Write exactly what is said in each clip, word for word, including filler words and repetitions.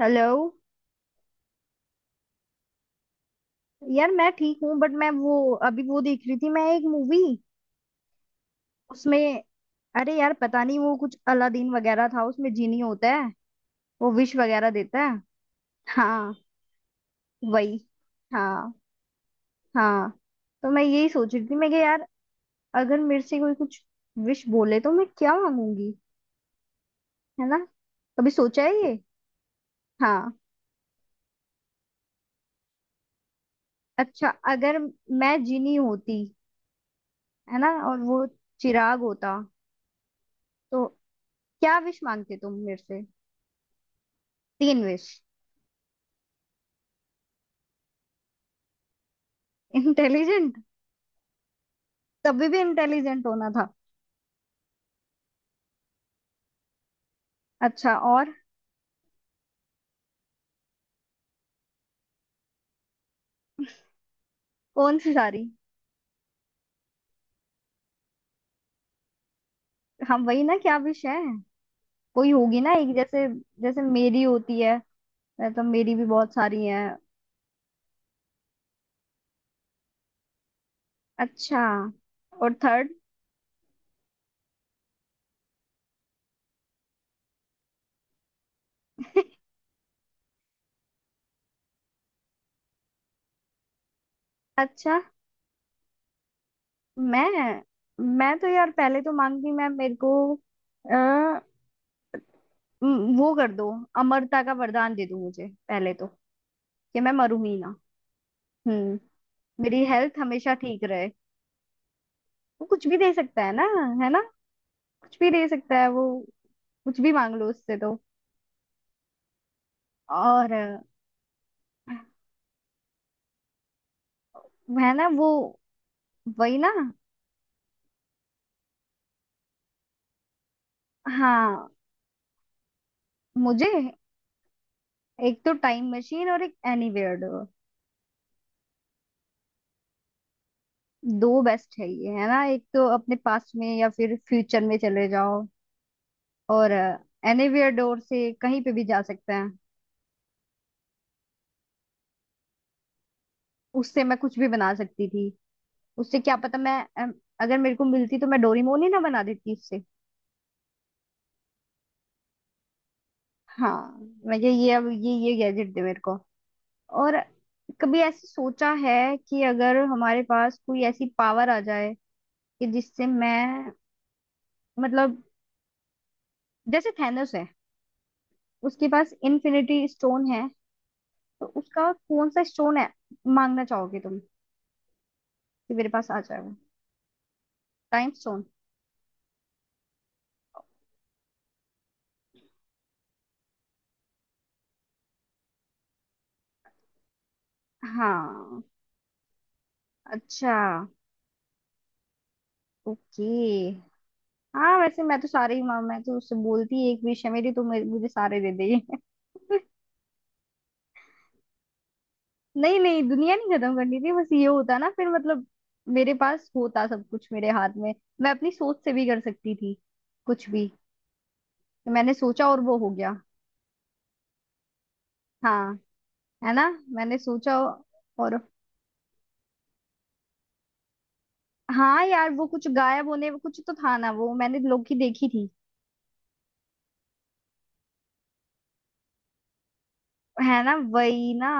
Hello. यार मैं ठीक हूँ बट मैं वो अभी वो देख रही थी मैं एक मूवी। उसमें। अरे यार पता नहीं वो कुछ अलादीन वगैरह था उसमें जीनी होता है वो विश वगैरह देता है। हाँ। वही। हाँ। हाँ। तो मैं यही सोच रही थी मैं कि यार अगर मेरे से कोई कुछ विश बोले तो मैं क्या मांगूंगी। है ना। कभी सोचा है ये। हाँ। अच्छा अगर मैं जीनी होती। है ना और वो चिराग होता तो क्या विश मांगते तुम मेरे से। तीन विश। इंटेलिजेंट। तभी भी इंटेलिजेंट होना था। अच्छा और। कौन सी सारी। हम वही ना क्या विश है। कोई होगी ना एक जैसे। जैसे मेरी होती है। मतलब मेरी भी बहुत सारी है। अच्छा और थर्ड। अच्छा मैं मैं तो यार पहले तो मांगती मैं मेरे को। आ, वो कर दो। अमरता का वरदान दे दो मुझे पहले तो। कि मैं मरूं ही ना। हम्म। मेरी हेल्थ हमेशा ठीक रहे। वो कुछ भी दे सकता है ना। है ना। कुछ भी दे सकता है वो। कुछ भी मांग लो उससे तो। और अ, मैं ना वो वही ना। हाँ मुझे एक तो टाइम मशीन और एक एनीवेयर डोर। दो बेस्ट है ये है ना एक तो अपने पास्ट में या फिर फ्यूचर में चले जाओ। और एनीवेयर डोर से कहीं पे भी जा सकते हैं। उससे मैं कुछ भी बना सकती थी। उससे क्या पता मैं अम, अगर मेरे को मिलती तो मैं डोरीमोन ही ना बना देती उससे। हाँ मैं ये ये अब ये ये गैजेट दे मेरे को। और कभी ऐसे सोचा है कि अगर हमारे पास कोई ऐसी पावर आ जाए कि जिससे मैं मतलब जैसे थैनोस है उसके पास इन्फिनिटी स्टोन है तो उसका कौन सा स्टोन है मांगना चाहोगे तुम कि मेरे पास आ जाए वो। Time stone. हाँ। अच्छा। ओके। हाँ वैसे मैं तो सारे ही माँ मैं तो उससे बोलती एक विषय मेरी तो मेरे- मुझे सारे दे। दे। नहीं नहीं दुनिया नहीं खत्म करनी थी बस ये होता ना फिर मतलब मेरे पास होता सब कुछ मेरे हाथ में। मैं अपनी सोच से भी कर सकती थी कुछ भी। तो मैंने सोचा और वो हो गया। हाँ। है ना। मैंने सोचा और। हाँ यार वो कुछ गायब होने कुछ तो था ना वो मैंने लोकी देखी थी। है ना वही ना।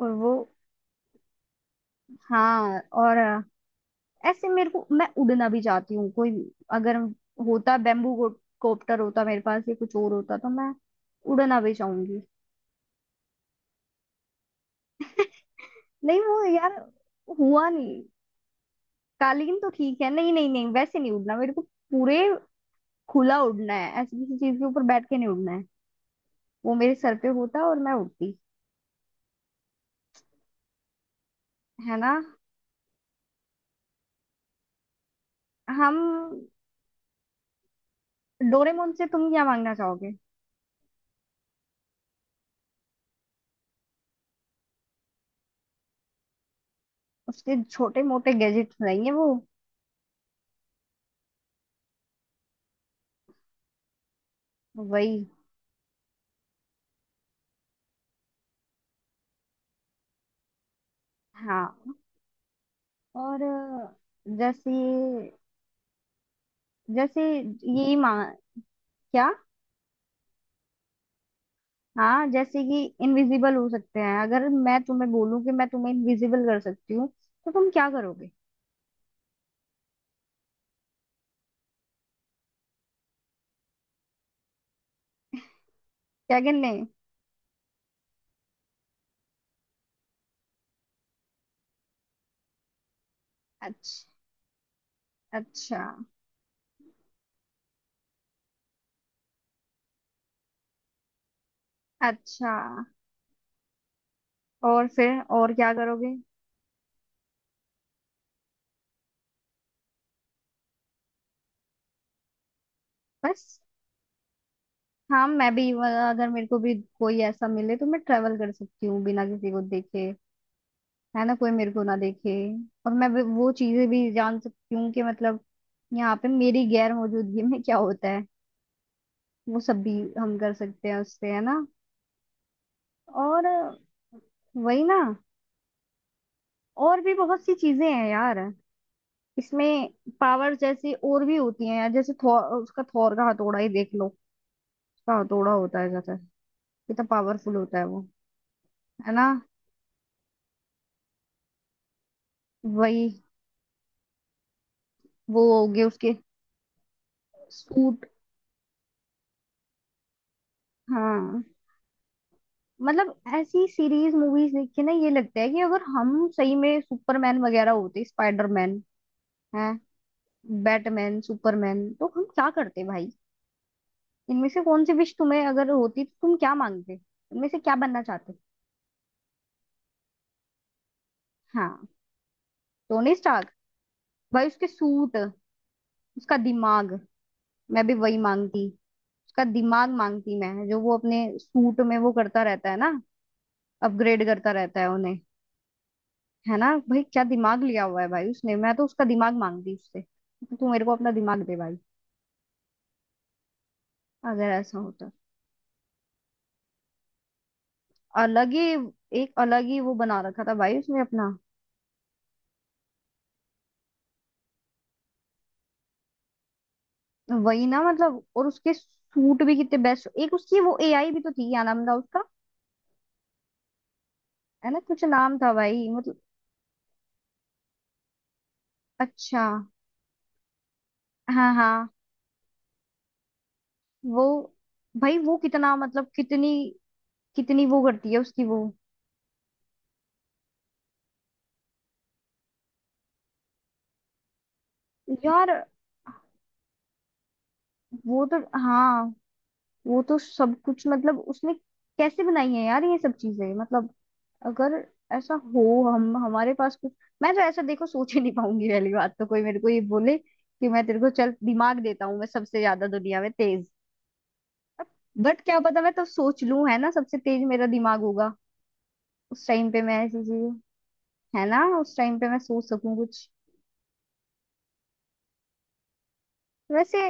और वो। हाँ। और ऐसे मेरे को मैं उड़ना भी चाहती हूँ कोई अगर होता बेम्बू कॉप्टर होता मेरे पास या कुछ और होता तो मैं उड़ना भी चाहूंगी। नहीं वो यार हुआ नहीं। कालीन तो ठीक है नहीं नहीं नहीं वैसे नहीं उड़ना मेरे को पूरे खुला उड़ना है ऐसी किसी चीज के ऊपर बैठ के नहीं उड़ना है। वो मेरे सर पे होता और मैं उड़ती। है ना। हम। डोरेमोन से तुम क्या मांगना चाहोगे। उसके छोटे मोटे गैजेट्स रहेंगे वो वही। हाँ और अ, जैसे जैसे ये मां क्या। हाँ जैसे कि इनविजिबल हो सकते हैं अगर मैं तुम्हें बोलूं कि मैं तुम्हें इनविजिबल कर सकती हूँ तो तुम क्या करोगे। क्या गिनने। अच्छा। अच्छा। अच्छा और फिर और क्या करोगे। बस। हाँ मैं भी अगर मेरे को भी कोई ऐसा मिले तो मैं ट्रेवल कर सकती हूँ बिना किसी को देखे। है ना कोई मेरे को ना देखे। और मैं भी- वो चीजें भी जान सकती हूँ कि मतलब यहाँ पे मेरी गैर मौजूदगी में क्या होता है वो सब भी हम कर सकते हैं उससे है ना। और वही ना और भी बहुत सी चीजें हैं यार इसमें। पावर जैसी और भी होती है यार जैसे थॉर उसका थॉर का हथौड़ा ही देख लो। उसका हथौड़ा होता है जैसे कितना पावरफुल होता है वो। है ना वही वो हो गए उसके सूट। हाँ मतलब ऐसी सीरीज मूवीज देख के ना ये लगता है कि अगर हम सही में सुपरमैन वगैरह होते स्पाइडरमैन है बैटमैन सुपरमैन तो हम क्या करते भाई। इनमें से कौन सी विश तुम्हें अगर होती तो तुम क्या मांगते इनमें से क्या बनना चाहते। हाँ टोनी स्टार्क भाई उसके सूट उसका दिमाग। मैं भी वही मांगती। उसका दिमाग मांगती मैं जो वो अपने सूट में वो करता रहता है ना अपग्रेड करता रहता है उन्हें। है ना भाई क्या दिमाग लिया हुआ है भाई उसने मैं तो उसका दिमाग मांगती उससे। तू मेरे को अपना दिमाग दे भाई। अगर ऐसा होता अलग ही एक अलग ही वो बना रखा था भाई उसने अपना। वही ना मतलब और उसके सूट भी कितने बेस्ट एक उसकी वो एआई भी तो थी क्या नाम था उसका। है ना कुछ नाम था भाई मतलब। अच्छा। हाँ हाँ वो। भाई वो कितना मतलब कितनी कितनी वो करती है उसकी वो। यार वो तो। हाँ वो तो सब कुछ मतलब उसने कैसे बनाई है यार ये सब चीजें मतलब अगर ऐसा हो हम हमारे पास कुछ। मैं तो ऐसा देखो सोच ही नहीं पाऊंगी पहली बात तो कोई मेरे को ये बोले कि मैं तेरे को चल दिमाग देता हूँ मैं सबसे ज्यादा दुनिया में तेज। बट क्या पता मैं तब सोच लूं है ना सबसे तेज मेरा दिमाग होगा। उस टाइम पे मैं ऐसी चीज। है ना उस टाइम पे मैं सोच सकूं कुछ। वैसे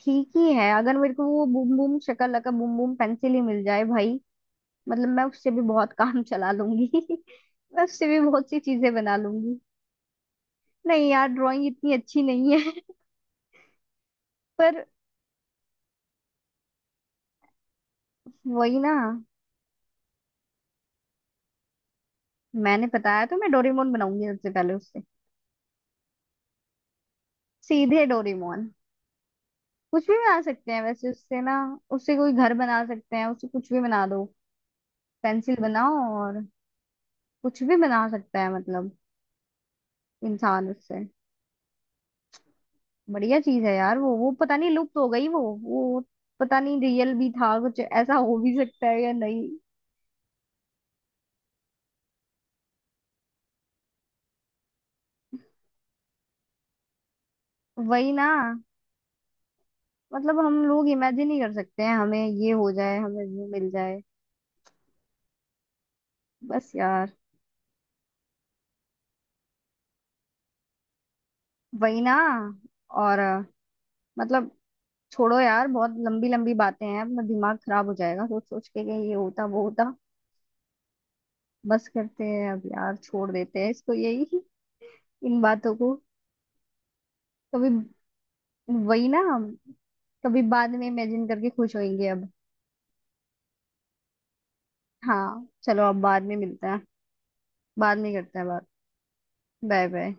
ठीक ही है अगर मेरे को वो boom boom Shakalaka boom boom pencil ही मिल जाए भाई। मतलब मैं उससे भी बहुत काम चला लूंगी मैं उससे भी बहुत सी चीजें बना लूंगी। नहीं यार ड्राइंग इतनी अच्छी नहीं है। पर वही ना। मैंने बताया तो मैं डोरेमोन बनाऊंगी सबसे पहले उससे। सीधे डोरेमोन। कुछ भी बना सकते हैं वैसे उससे ना। उससे कोई घर बना सकते हैं उससे कुछ भी बना दो पेंसिल बनाओ और कुछ भी बना सकता है मतलब इंसान उससे। बढ़िया चीज है यार वो वो पता नहीं लुप्त हो गई वो वो पता नहीं रियल भी था कुछ ऐसा हो भी सकता है या नहीं। वही ना मतलब हम लोग इमेजिन ही कर सकते हैं हमें ये हो जाए हमें वो मिल जाए। बस यार। वही ना। और अ, मतलब छोड़ो यार बहुत लंबी लंबी बातें हैं अपना दिमाग खराब हो जाएगा सोच सोच के कि ये होता वो होता। बस करते हैं अब यार छोड़ देते हैं इसको यही इन बातों को। कभी वही ना हम कभी बाद में इमेजिन करके खुश होंगे अब। हाँ चलो अब बाद में मिलते हैं। बाद में करते हैं बात। Bye bye.